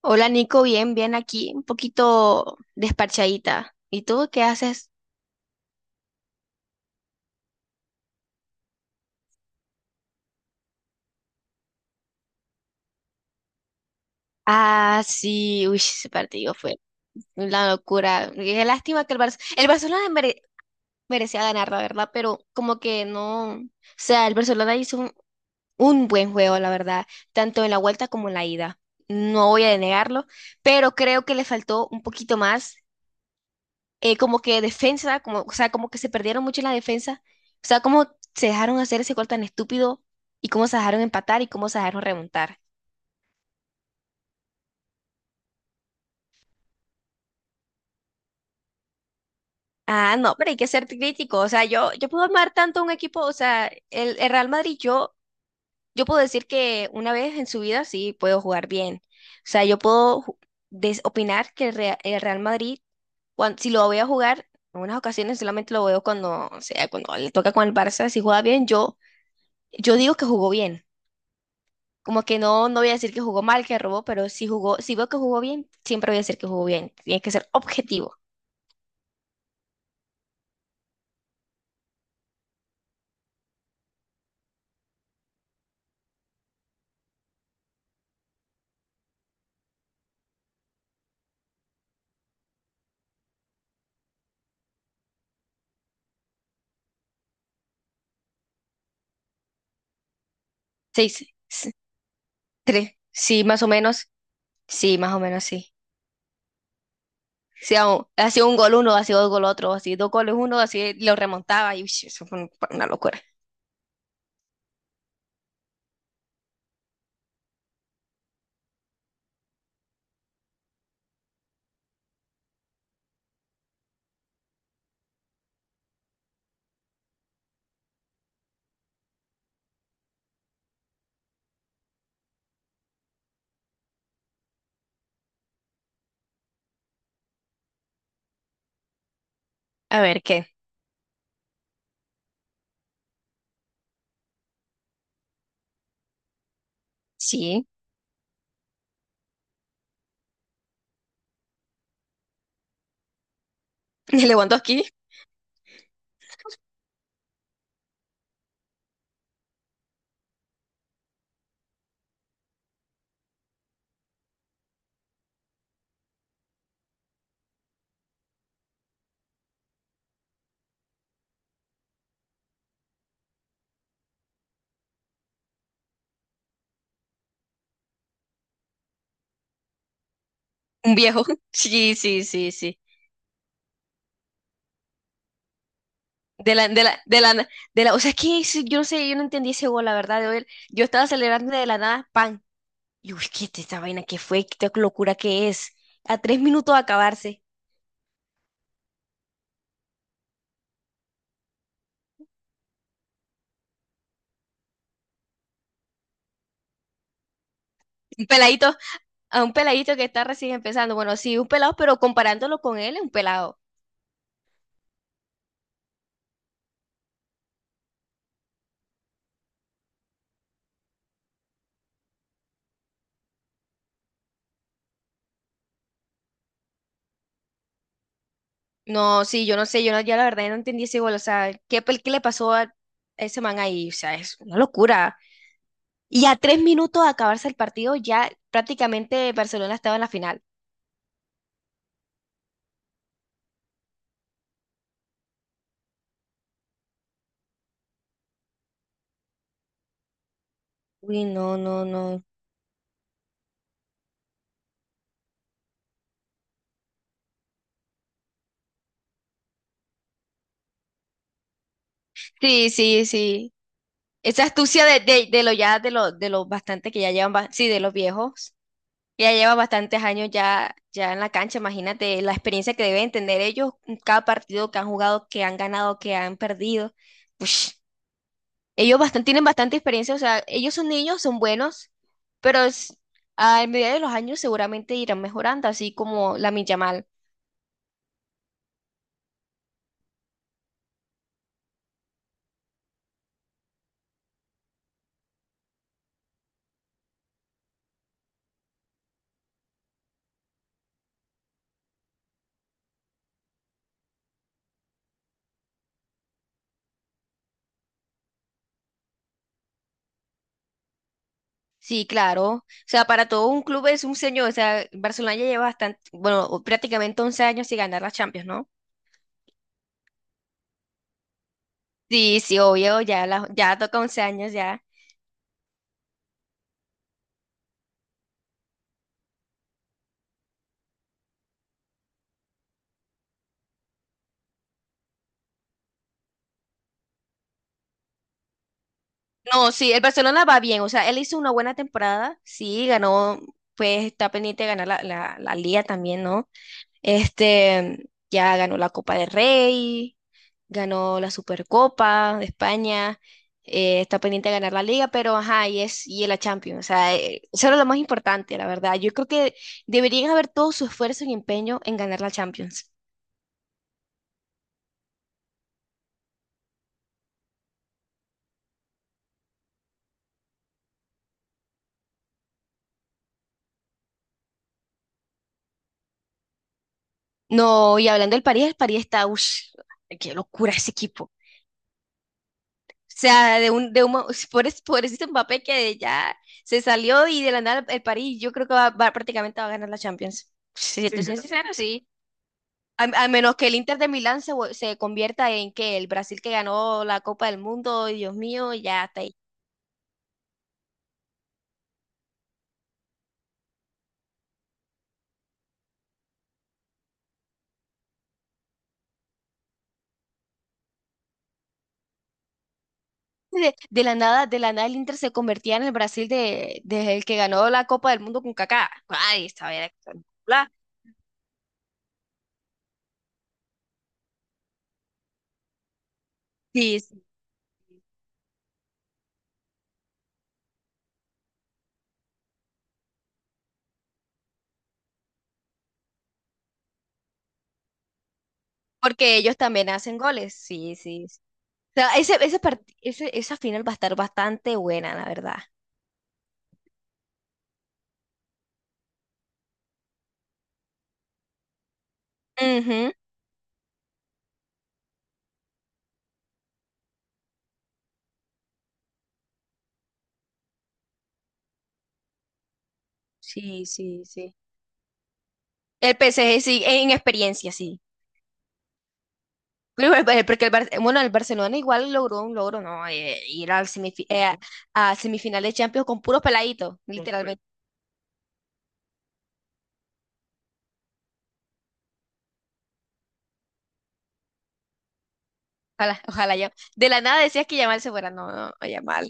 Hola Nico, bien aquí, un poquito despachadita. ¿Y tú qué haces? Ah, sí, uy, ese partido fue una locura. Qué lástima que el Barcelona merecía ganar, la verdad, pero como que no, o sea, el Barcelona hizo un buen juego, la verdad, tanto en la vuelta como en la ida. No voy a denegarlo, pero creo que le faltó un poquito más como que defensa, como, o sea, como que se perdieron mucho en la defensa. O sea, cómo se dejaron hacer ese gol tan estúpido y cómo se dejaron empatar y cómo se dejaron remontar. Ah, no, pero hay que ser crítico. O sea, yo puedo amar tanto a un equipo, o sea, el Real Madrid, yo puedo decir que una vez en su vida sí puedo jugar bien. O sea, yo puedo ju- des- opinar que el Real Madrid, si lo voy a jugar, en unas ocasiones solamente lo veo cuando, o sea, cuando le toca con el Barça, si juega bien, yo digo que jugó bien. Como que no voy a decir que jugó mal, que robó, pero si jugó, si veo que jugó bien, siempre voy a decir que jugó bien. Tiene que ser objetivo. Seis, s- tres. Sí, más o menos. Sí, más o menos sí. Si ha, ha sido un gol uno, ha sido dos gol otro, ha sido dos goles uno, así lo remontaba y uy, eso fue fue una locura. A ver qué. Sí. Lewandowski, un viejo. Sí, sí, sí, sí. De la, de la, de la, na- de la, o sea, es que yo no sé, yo no entendí ese gol, la verdad. Yo estaba celebrando de la nada, pan. Y uy, ¿qué es esta vaina? ¿Qué fue? ¿Qué locura que es? A tres minutos de acabarse. Un peladito, a un peladito que está recién empezando. Bueno, sí, un pelado, pero comparándolo con él, es un pelado. No, sí, yo no sé, yo no, ya la verdad no entendí ese gol. O sea, ¿qué le pasó a ese man ahí? O sea, es una locura. Y a tres minutos de acabarse el partido, ya prácticamente Barcelona estaba en la final. Uy, no, no, no. Sí, sí, sí. Esa astucia de lo ya, de lo bastante que ya llevan, sí, de los viejos. Ella lleva bastantes años ya, ya en la cancha, imagínate la experiencia que deben tener ellos, cada partido que han jugado, que han ganado, que han perdido. Ush, tienen bastante experiencia, o sea, ellos son niños, son buenos, pero a medida de los años seguramente irán mejorando, así como la Yamal. Sí, claro. O sea, para todo un club es un señor, o sea, Barcelona ya lleva bastante, bueno, o prácticamente 11 años sin ganar la Champions, ¿no? Sí, sí, obvio, ya, ya toca 11 años ya. No, sí, el Barcelona va bien, o sea, él hizo una buena temporada, sí, ganó, pues está pendiente de ganar la Liga también, ¿no? Este, ya ganó la Copa del Rey, ganó la Supercopa de España, está pendiente de ganar la Liga, pero ajá, y es y la Champions, o sea, eso era lo más importante, la verdad. Yo creo que deberían haber todo su esfuerzo y empeño en ganar la Champions. No, y hablando del París, el París está, uff, qué locura ese equipo. Sea, por ese Mbappé que ya se salió y de la nada el París, yo creo que prácticamente va a ganar la Champions. Si te sí, yo soy también. Sí. A menos que el Inter de Milán se convierta en que el Brasil que ganó la Copa del Mundo, Dios mío, ya está ahí. De la nada el Inter se convertía en el Brasil de el que ganó la Copa del Mundo con Kaká. Ay, estaba bien. Sí, sí, porque ellos también hacen goles. Sí, sí. O sea, esa final va a estar bastante buena, la verdad. Ujú. Sí, sí, sí. El PSG sí, en experiencia sí. Pero porque bueno, el Barcelona igual logró un logro, ¿no? Ir al a semifinales de Champions con puros peladitos, literalmente. Ojalá, ojalá ya. De la nada decías que Yamal se fuera. No, no, Yamal.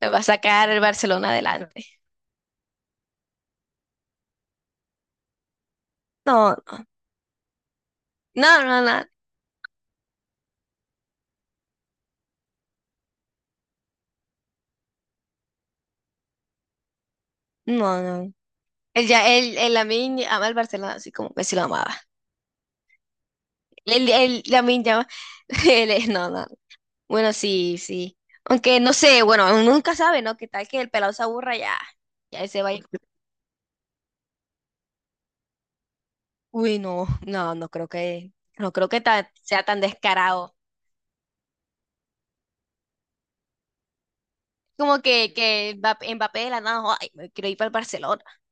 Me va a sacar el Barcelona adelante. No, no, no, no, no, no. él El, ya, él el Lamine ama el Barcelona así como que sí lo amaba. La misma, no, no. Bueno, sí, sí. Aunque no sé, bueno, uno nunca sabe, ¿no? ¿Qué tal que el pelado se aburra ya? Ya él se vaya. Uy, no, no, no creo que sea tan descarado. Como que Mbappé de la nada, ay, me quiero ir para el Barcelona.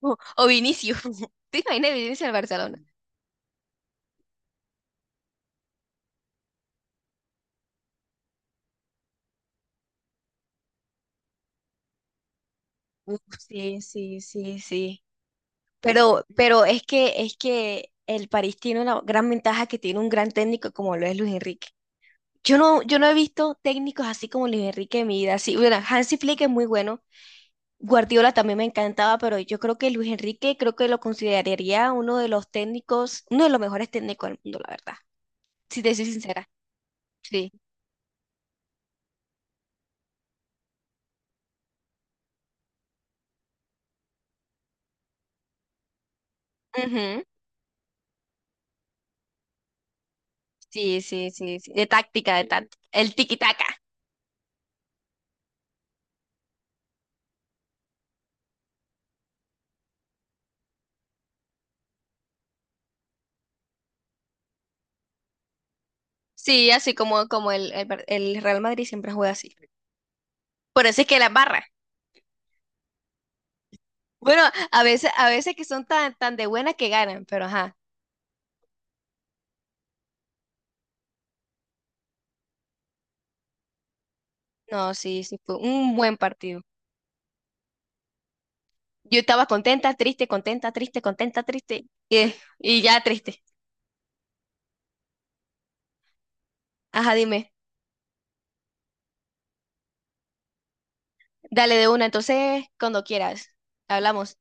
O, o Vinicius. ¿Te imaginas Vinicius en el Barcelona? Uf, sí, sí, sí, sí. Pero es que el París tiene una gran ventaja que tiene un gran técnico como lo es Luis Enrique. Yo no, yo no he visto técnicos así como Luis Enrique en mi vida. Sí, bueno, Hansi Flick es muy bueno. Guardiola también me encantaba, pero yo creo que Luis Enrique creo que lo consideraría uno de los técnicos, uno de los mejores técnicos del mundo, la verdad. Si te soy sincera. Sí. Ujú. Sí, sí, sí, sí. De táctica, de táctica. El tiki-taka. Sí, así como, como el Real Madrid siempre juega así. Por eso es que las barras. Bueno, a veces que son tan, tan de buena que ganan, pero ajá. No, sí, sí, fue un buen partido. Yo estaba contenta, triste, contenta, triste, contenta, triste. Y ya triste. Ajá, dime. Dale de una, entonces, cuando quieras. Hablamos.